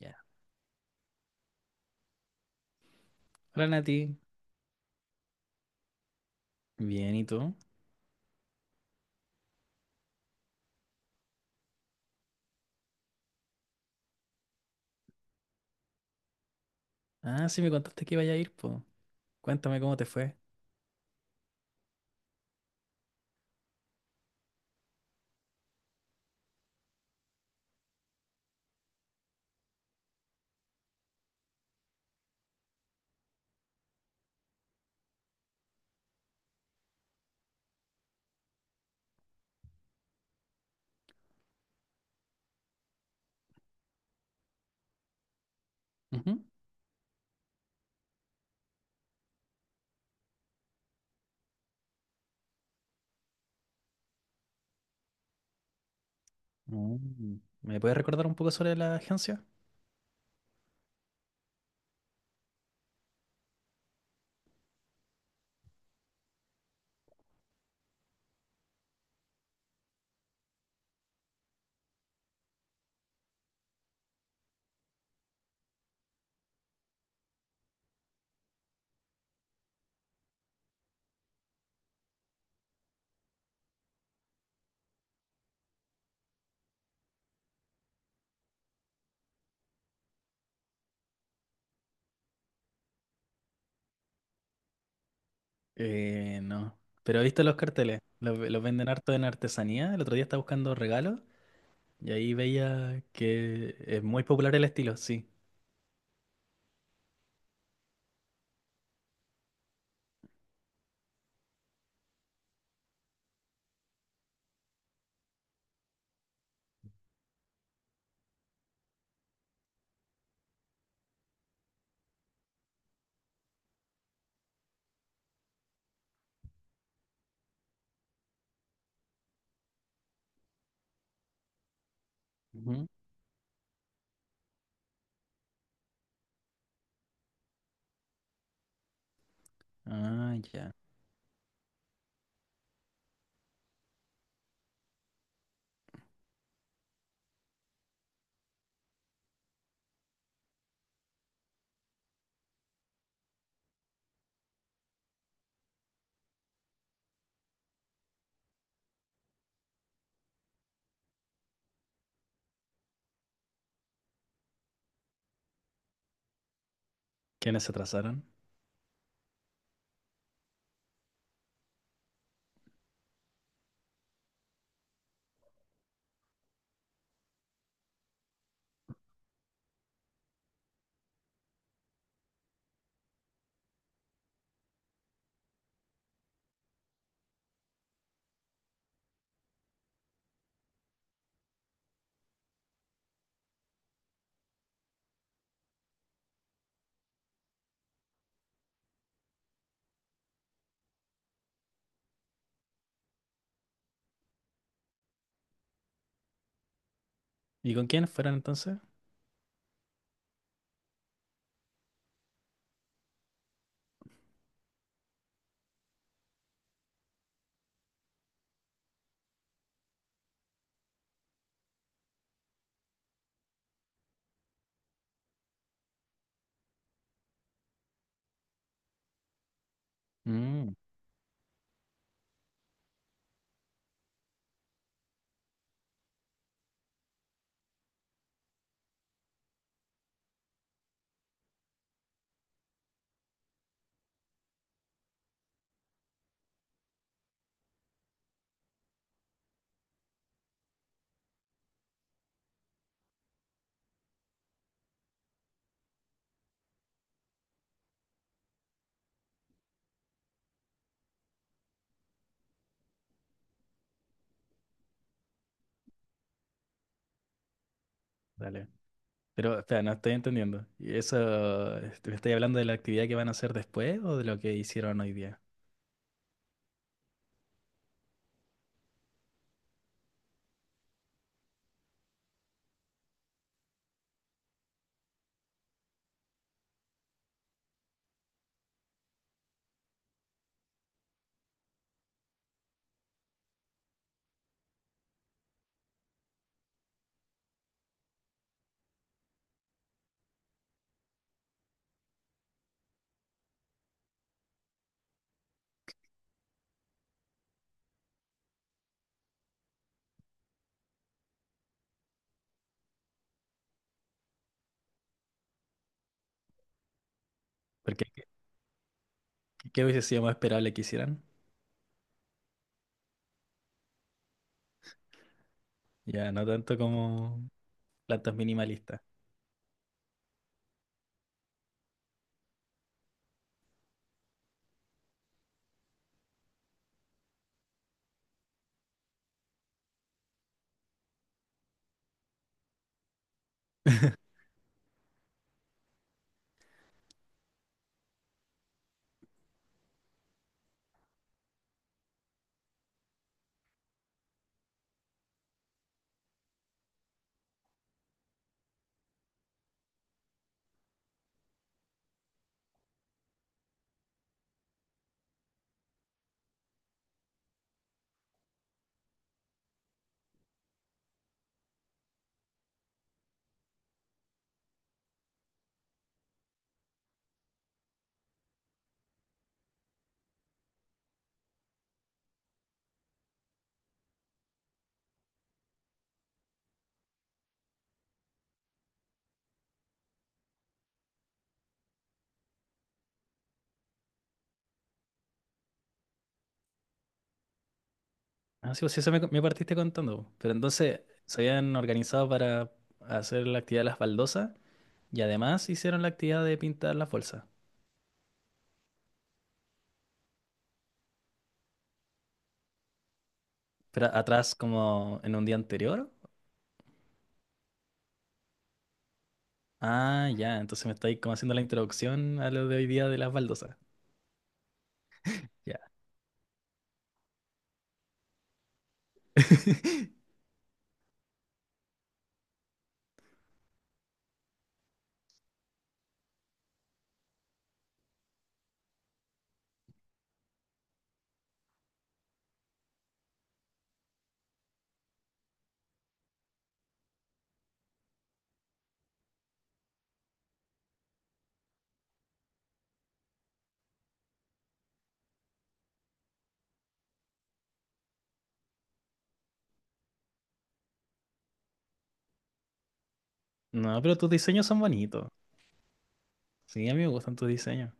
Ya. Hola Nati. Bien, ¿y tú? Ah, sí, me contaste que iba a ir, pues. Cuéntame cómo te fue. Ujú. Mm. ¿Me puedes recordar un poco sobre la agencia? No. Pero viste los carteles. Los venden harto en artesanía. El otro día estaba buscando regalos y ahí veía que es muy popular el estilo, sí. Ujú. Ah, ya. ¿Quiénes se atrasaron? ¿Y con quiénes fueron entonces? Mm, dale. Pero, espera, no estoy entendiendo. ¿Y eso, me estáis hablando de la actividad que van a hacer después o de lo que hicieron hoy día? Porque, ¿qué hubiese sido más esperable que hicieran? Ya, no tanto como plantas minimalistas. Ah, sí, pues sí, eso me partiste contando. Po. Pero entonces se habían organizado para hacer la actividad de las baldosas y además hicieron la actividad de pintar las bolsas. Pero atrás, como en un día anterior. Ah, ya, entonces me estáis como haciendo la introducción a lo de hoy día de las baldosas. Ya. No, pero tus diseños son bonitos. Sí, a mí me gustan tus diseños.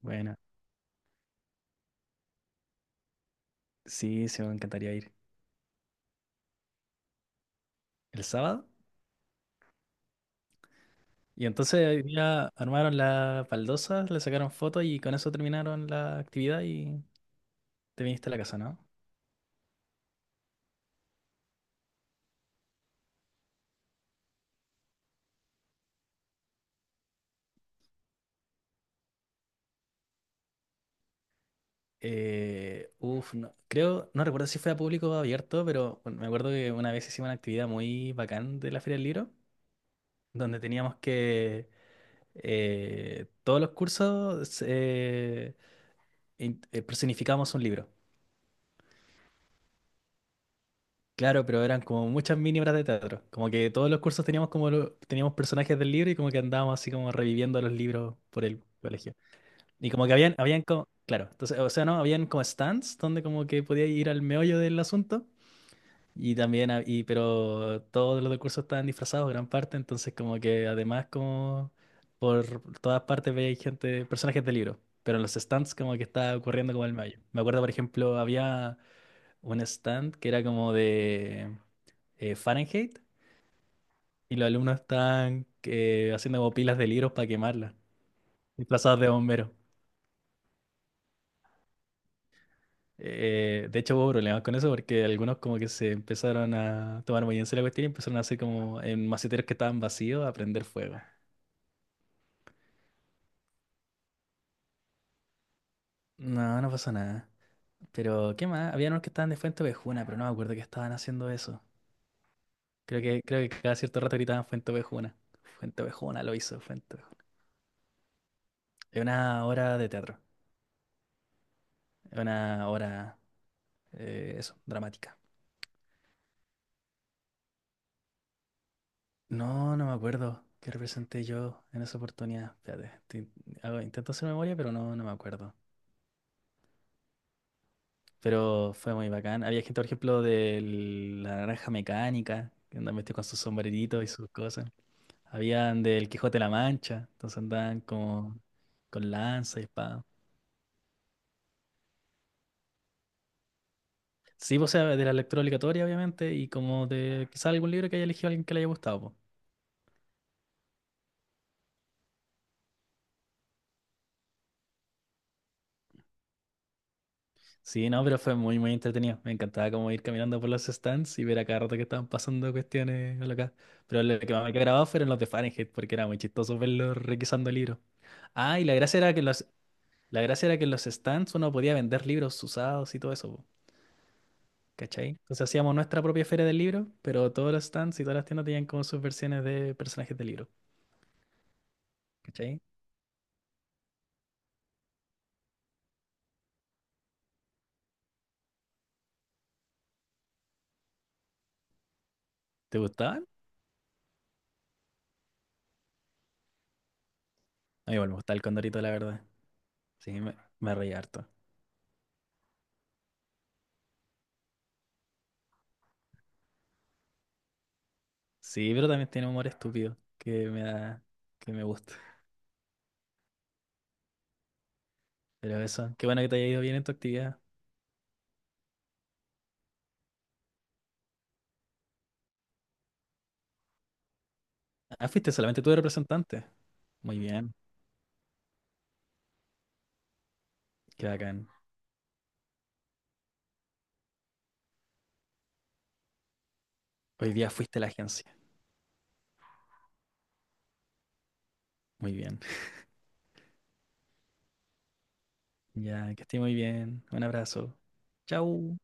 Bueno, sí, sí, me encantaría ir. ¿El sábado? Y entonces hoy día armaron las baldosas, le sacaron fotos y con eso terminaron la actividad y te viniste a la casa, ¿no? Uf, creo, no recuerdo si fue a público abierto, pero bueno, me acuerdo que una vez hicimos una actividad muy bacán de la Feria del Libro, donde teníamos que todos los cursos personificábamos un libro. Claro, pero eran como muchas mini obras de teatro. Como que todos los cursos teníamos como teníamos personajes del libro y como que andábamos así como reviviendo los libros por el colegio. Y como que habían como, claro, entonces, o sea, no, habían como stands donde como que podía ir al meollo del asunto. Y también, pero todos los del curso estaban disfrazados, gran parte, entonces como que además como por todas partes veía gente, personajes de libro, pero en los stands como que estaba ocurriendo como el meollo. Me acuerdo, por ejemplo, había un stand que era como de Fahrenheit, y los alumnos estaban haciendo como pilas de libros para quemarlas disfrazados de bomberos. De hecho hubo problemas con eso porque algunos como que se empezaron a tomar muy en serio la cuestión y empezaron a hacer como en maceteros que estaban vacíos a prender fuego. No, no pasó nada. Pero, ¿qué más? Había unos que estaban de Fuente Ovejuna, pero no me acuerdo que estaban haciendo eso. Creo que cada cierto rato gritaban Fuente Ovejuna. Fuente Ovejuna lo hizo, Fuente Ovejuna. Es una obra de teatro. Es una obra, eso, dramática. No, no me acuerdo qué representé yo en esa oportunidad. Espérate, intento hacer memoria, pero no, no me acuerdo. Pero fue muy bacán. Había gente, por ejemplo, de la Naranja Mecánica, que andaban vestidos con sus sombreritos y sus cosas. Habían del Quijote de la Mancha, entonces andaban como con lanza y espada. Sí, pues, o sea, de la lectura obligatoria, obviamente, y como de quizás algún libro que haya elegido alguien que le haya gustado, pues. Sí, no, pero fue muy, muy entretenido. Me encantaba como ir caminando por los stands y ver a cada rato que estaban pasando cuestiones locas. Pero lo que más me quedó grabado fueron los de Fahrenheit, porque era muy chistoso verlos requisando libros. Ah, y la gracia era que en los stands uno podía vender libros usados y todo eso, po, ¿cachai? Entonces hacíamos nuestra propia feria del libro, pero todos los stands y todas las tiendas tenían como sus versiones de personajes de libro, ¿cachai? ¿Te gustaban? A mí igual me gustaba el Condorito, la verdad. Sí, me reía harto. Sí, pero también tiene humor estúpido que me da, que me gusta. Pero eso, qué bueno que te haya ido bien en tu actividad. Ah, fuiste solamente tú de representante. Muy bien, qué bacán. Hoy día fuiste a la agencia. Muy bien. Ya, que esté muy bien. Un abrazo. Chau.